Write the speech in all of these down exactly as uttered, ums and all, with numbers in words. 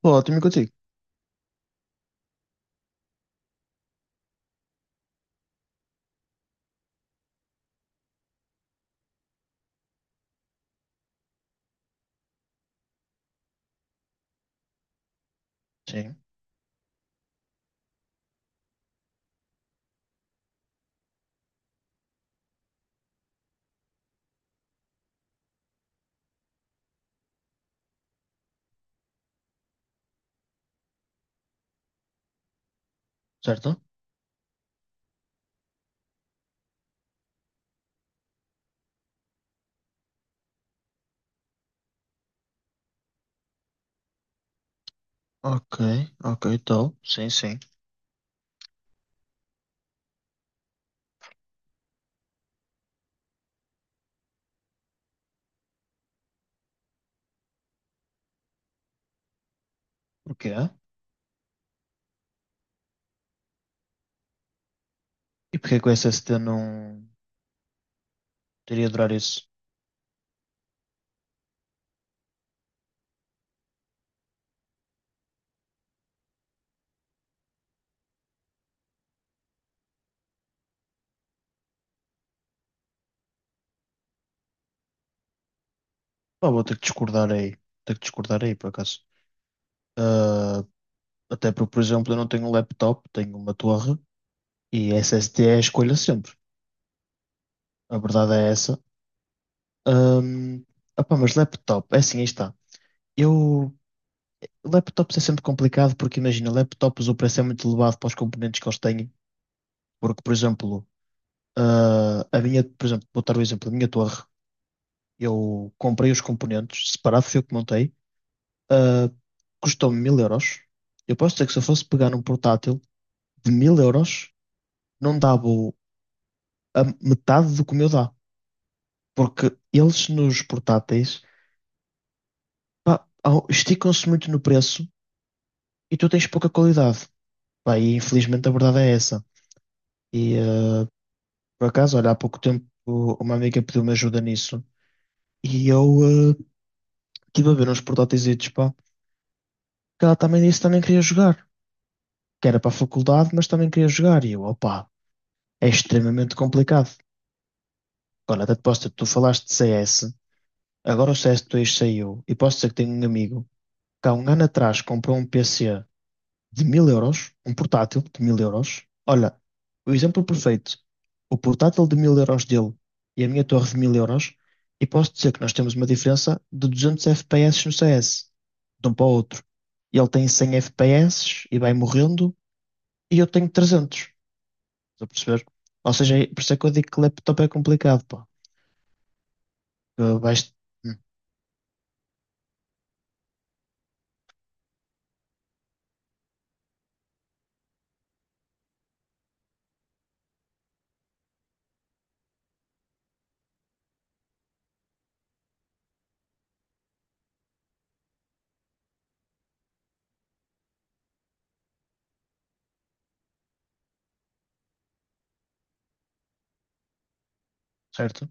Tudo ótimo e contigo? Sim. Certo? Ok, ok, então. Sim, sim. O que é? E porquê que o S S D não teria de durar isso? Pá, vou ter que discordar aí. Ter que discordar aí, por acaso. Ah, até porque, por exemplo, eu não tenho um laptop, tenho uma torre e S S D é a escolha sempre. A verdade é essa. Ahm, Opá, mas laptop, é assim, aí está. Eu. Laptops é sempre complicado porque, imagina, laptops o preço é muito elevado para os componentes que eles têm. Porque, por exemplo, Ah, a minha, por exemplo, vou dar o exemplo da minha torre. Eu comprei os componentes, separado fui eu que montei. Ah, Custou-me mil euros. Eu posso dizer que se eu fosse pegar um portátil de mil euros, não dava o- a metade do que o meu dá. Porque eles nos portáteis, pá, ao- esticam-se muito no preço e tu tens pouca qualidade. Pá, e infelizmente a verdade é essa. E ah, por acaso, olha, há pouco tempo uma amiga pediu-me ajuda nisso. E eu, ah, estive a ver uns portáteis, que ela também disse que também queria jogar, que era para a faculdade, mas também queria jogar. E eu, opá, é extremamente complicado. Agora, até te posso dizer, tu falaste de C S, agora o C S dois saiu, e posso dizer que tenho um amigo que há um ano atrás comprou um P C de mil euros, um portátil de mil euros. Olha, o exemplo perfeito, o portátil de mil euros dele e a minha torre de mil euros, e posso dizer que nós temos uma diferença de duzentos F P S no C S, de um para o outro. E ele tem cem F P S e vai morrendo e eu tenho trezentos. Estás a perceber? Ou seja, é- por isso é que eu digo que laptop é complicado, pá. Que vais... Hum. Certo?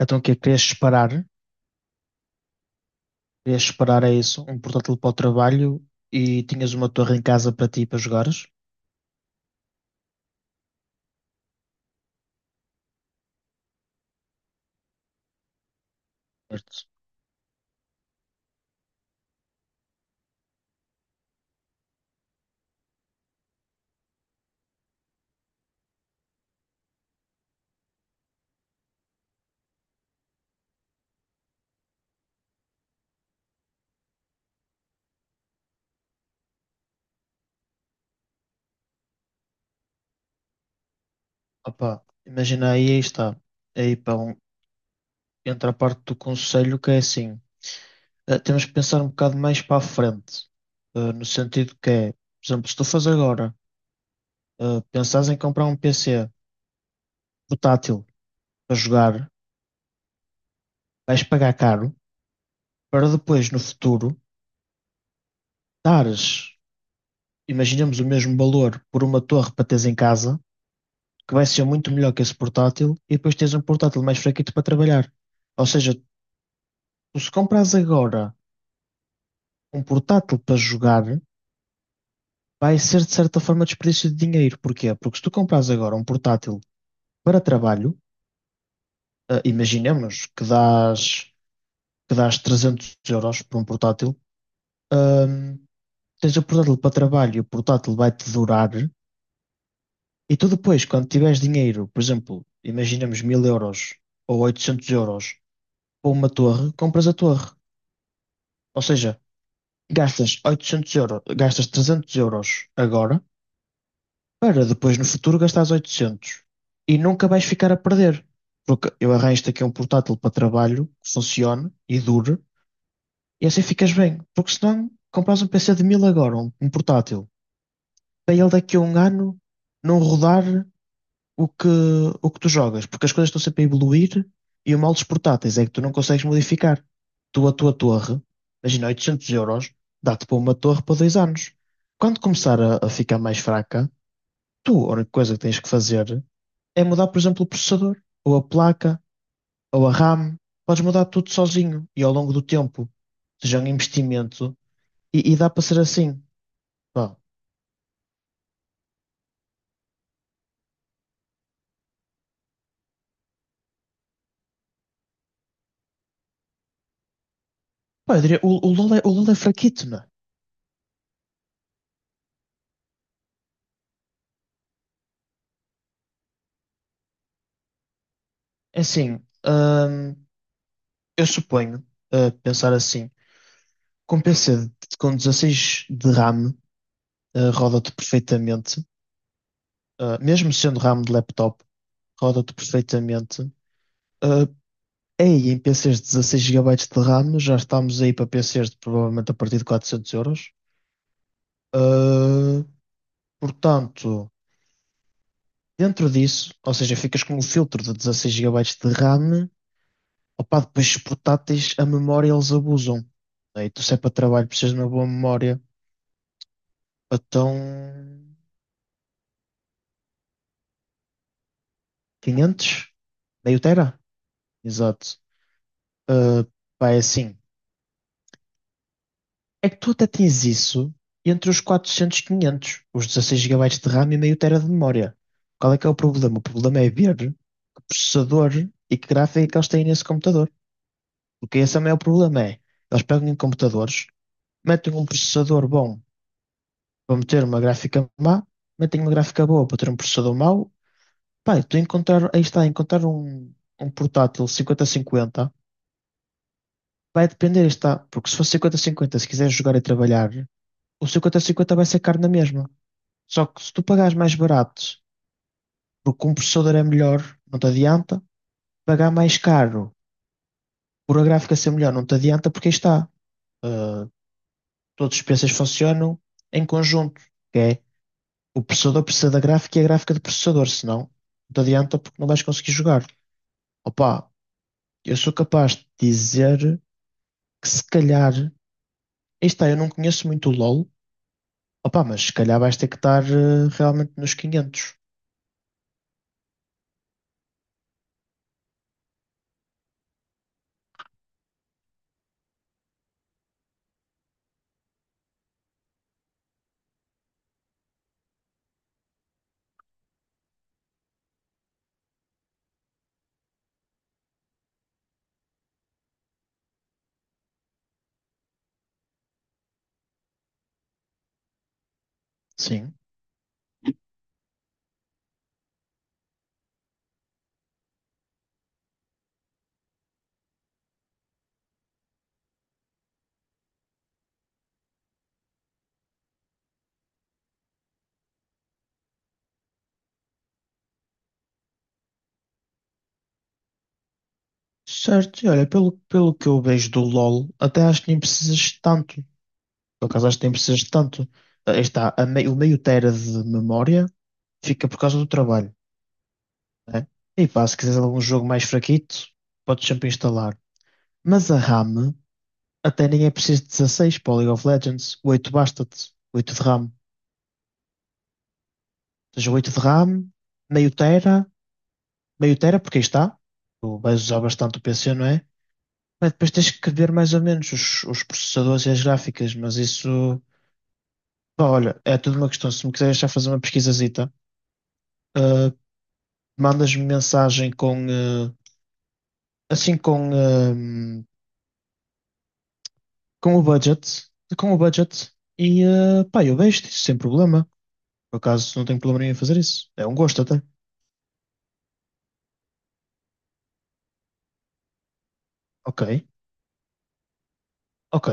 Então o quê? Querias separar? Querias separar, é isso? Um portátil para o trabalho e tinhas uma torre em casa para ti, para jogares? Certo. Opa, imagina aí, aí está. Aí, pá, um- entra a parte do conselho que é assim. Eh, temos que pensar um bocado mais para a frente. Eh, no sentido que é, por exemplo, se tu fazes agora, eh, pensares em comprar um P C portátil para jogar, vais pagar caro. Para depois, no futuro, dares, imaginemos o mesmo valor por uma torre para teres em casa, que vai ser muito melhor que esse portátil, e depois tens um portátil mais fraquito para trabalhar. Ou seja, tu se compras agora um portátil para jogar, vai ser de certa forma desperdício de dinheiro. Porquê? Porque se tu compras agora um portátil para trabalho, ah, imaginemos que dás, que dás trezentos euros por um portátil, ah, tens o portátil para trabalho e o portátil vai-te durar. E tu depois, quando tiveres dinheiro, por exemplo, imaginamos mil euros ou oitocentos euros para uma torre, compras a torre. Ou seja, gastas oitocentos euros, gastas trezentos euros agora para depois no futuro gastares oitocentos. E nunca vais ficar a perder. Porque eu arranjo-te aqui um portátil para trabalho que funcione e dure e assim ficas bem. Porque senão compras um P C de mil agora, um, um portátil, para ele daqui a um ano não rodar o que, o que tu jogas, porque as coisas estão sempre a evoluir e o mal dos portáteis é que tu não consegues modificar. Tu, a tua torre, imagina oitocentos euros, dá-te para uma torre para dois anos. Quando começar a, a ficar mais fraca, tu, a única coisa que tens que fazer é mudar, por exemplo, o processador, ou a placa, ou a RAM. Podes mudar tudo sozinho e ao longo do tempo. Seja um investimento e, e dá para ser assim. Pá, Pá, eu diria, o, o LoL é, o LoL é fraquito, não é? É assim, hum. Eu suponho, a pensar assim, com P C de- com dezasseis de RAM, eh, roda-te perfeitamente. Eh, mesmo sendo RAM de laptop, roda-te perfeitamente. Eh, aí em P Cs de dezasseis gigabytes de RAM, já estamos aí para P Cs de provavelmente a partir de quatrocentos euros. Eh, portanto, dentro disso, ou seja, ficas com o filtro de dezasseis gigabytes de RAM. Opa, depois os portáteis, a memória eles abusam. Né? E tu, se é para trabalho, precisas de uma boa memória. Então. quinhentos? Meio tera? Exato. Uh, pá, é assim. É que tu até tens isso entre os quatrocentos e quinhentos, os dezasseis gigabytes de RAM e meio tera de memória. Qual é que é o problema? O problema é ver que processador e que gráfica é que eles têm nesse computador. Porque esse é o maior problema, é. Eles pegam em computadores, metem um processador bom para meter uma gráfica má, metem uma gráfica boa para ter um processador mau. Pá, tu encontrar, aí está, encontrar um, um portátil cinquenta cinquenta. Vai depender, está. Porque se for cinquenta cinquenta, se quiseres jogar e trabalhar, o cinquenta cinquenta vai ser caro na mesma. Só que se tu pagares mais barato, porque um processador é melhor, não te adianta. Pagar mais caro por a gráfica ser melhor, não te adianta, porque aí está. Uh, todos os P Cs funcionam em conjunto, que é o processador precisa da gráfica e a gráfica do processador, senão não te adianta porque não vais conseguir jogar. Opa, eu sou capaz de dizer que se calhar, aí está, eu não conheço muito o LoL. Opa, mas se calhar vais ter que estar eh, realmente nos quinhentos. Sim. Certo, e olha, pelo, pelo que eu vejo do LoL, até acho que nem precisas de tanto. Por acaso acho que nem precisas de tanto. Ah, Aí está, a mei- o meio tera de memória fica por causa do trabalho, né? E pá, se quiseres algum jogo mais fraquito, podes sempre instalar. Mas a RAM até nem é preciso de dezasseis, para o League of Legends. Oito basta-te. Oito de RAM. Ou seja, oito de RAM, meio tera, meio tera, porque aí está. Tu vais usar bastante o P C, não é? Mas depois tens que ver mais ou menos os, os processadores e as gráficas, mas isso, pá, olha, é tudo uma questão. Se me quiseres já fazer uma pesquisazita, ah, mandas-me mensagem com, ah, assim, com, ah, com o budget, com o budget, e, ah, pá, eu vejo isso sem problema. Por acaso, não tenho problema nenhum em fazer isso. É um gosto até. Ok, ok,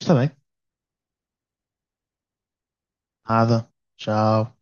está bem. Nada. Tchau.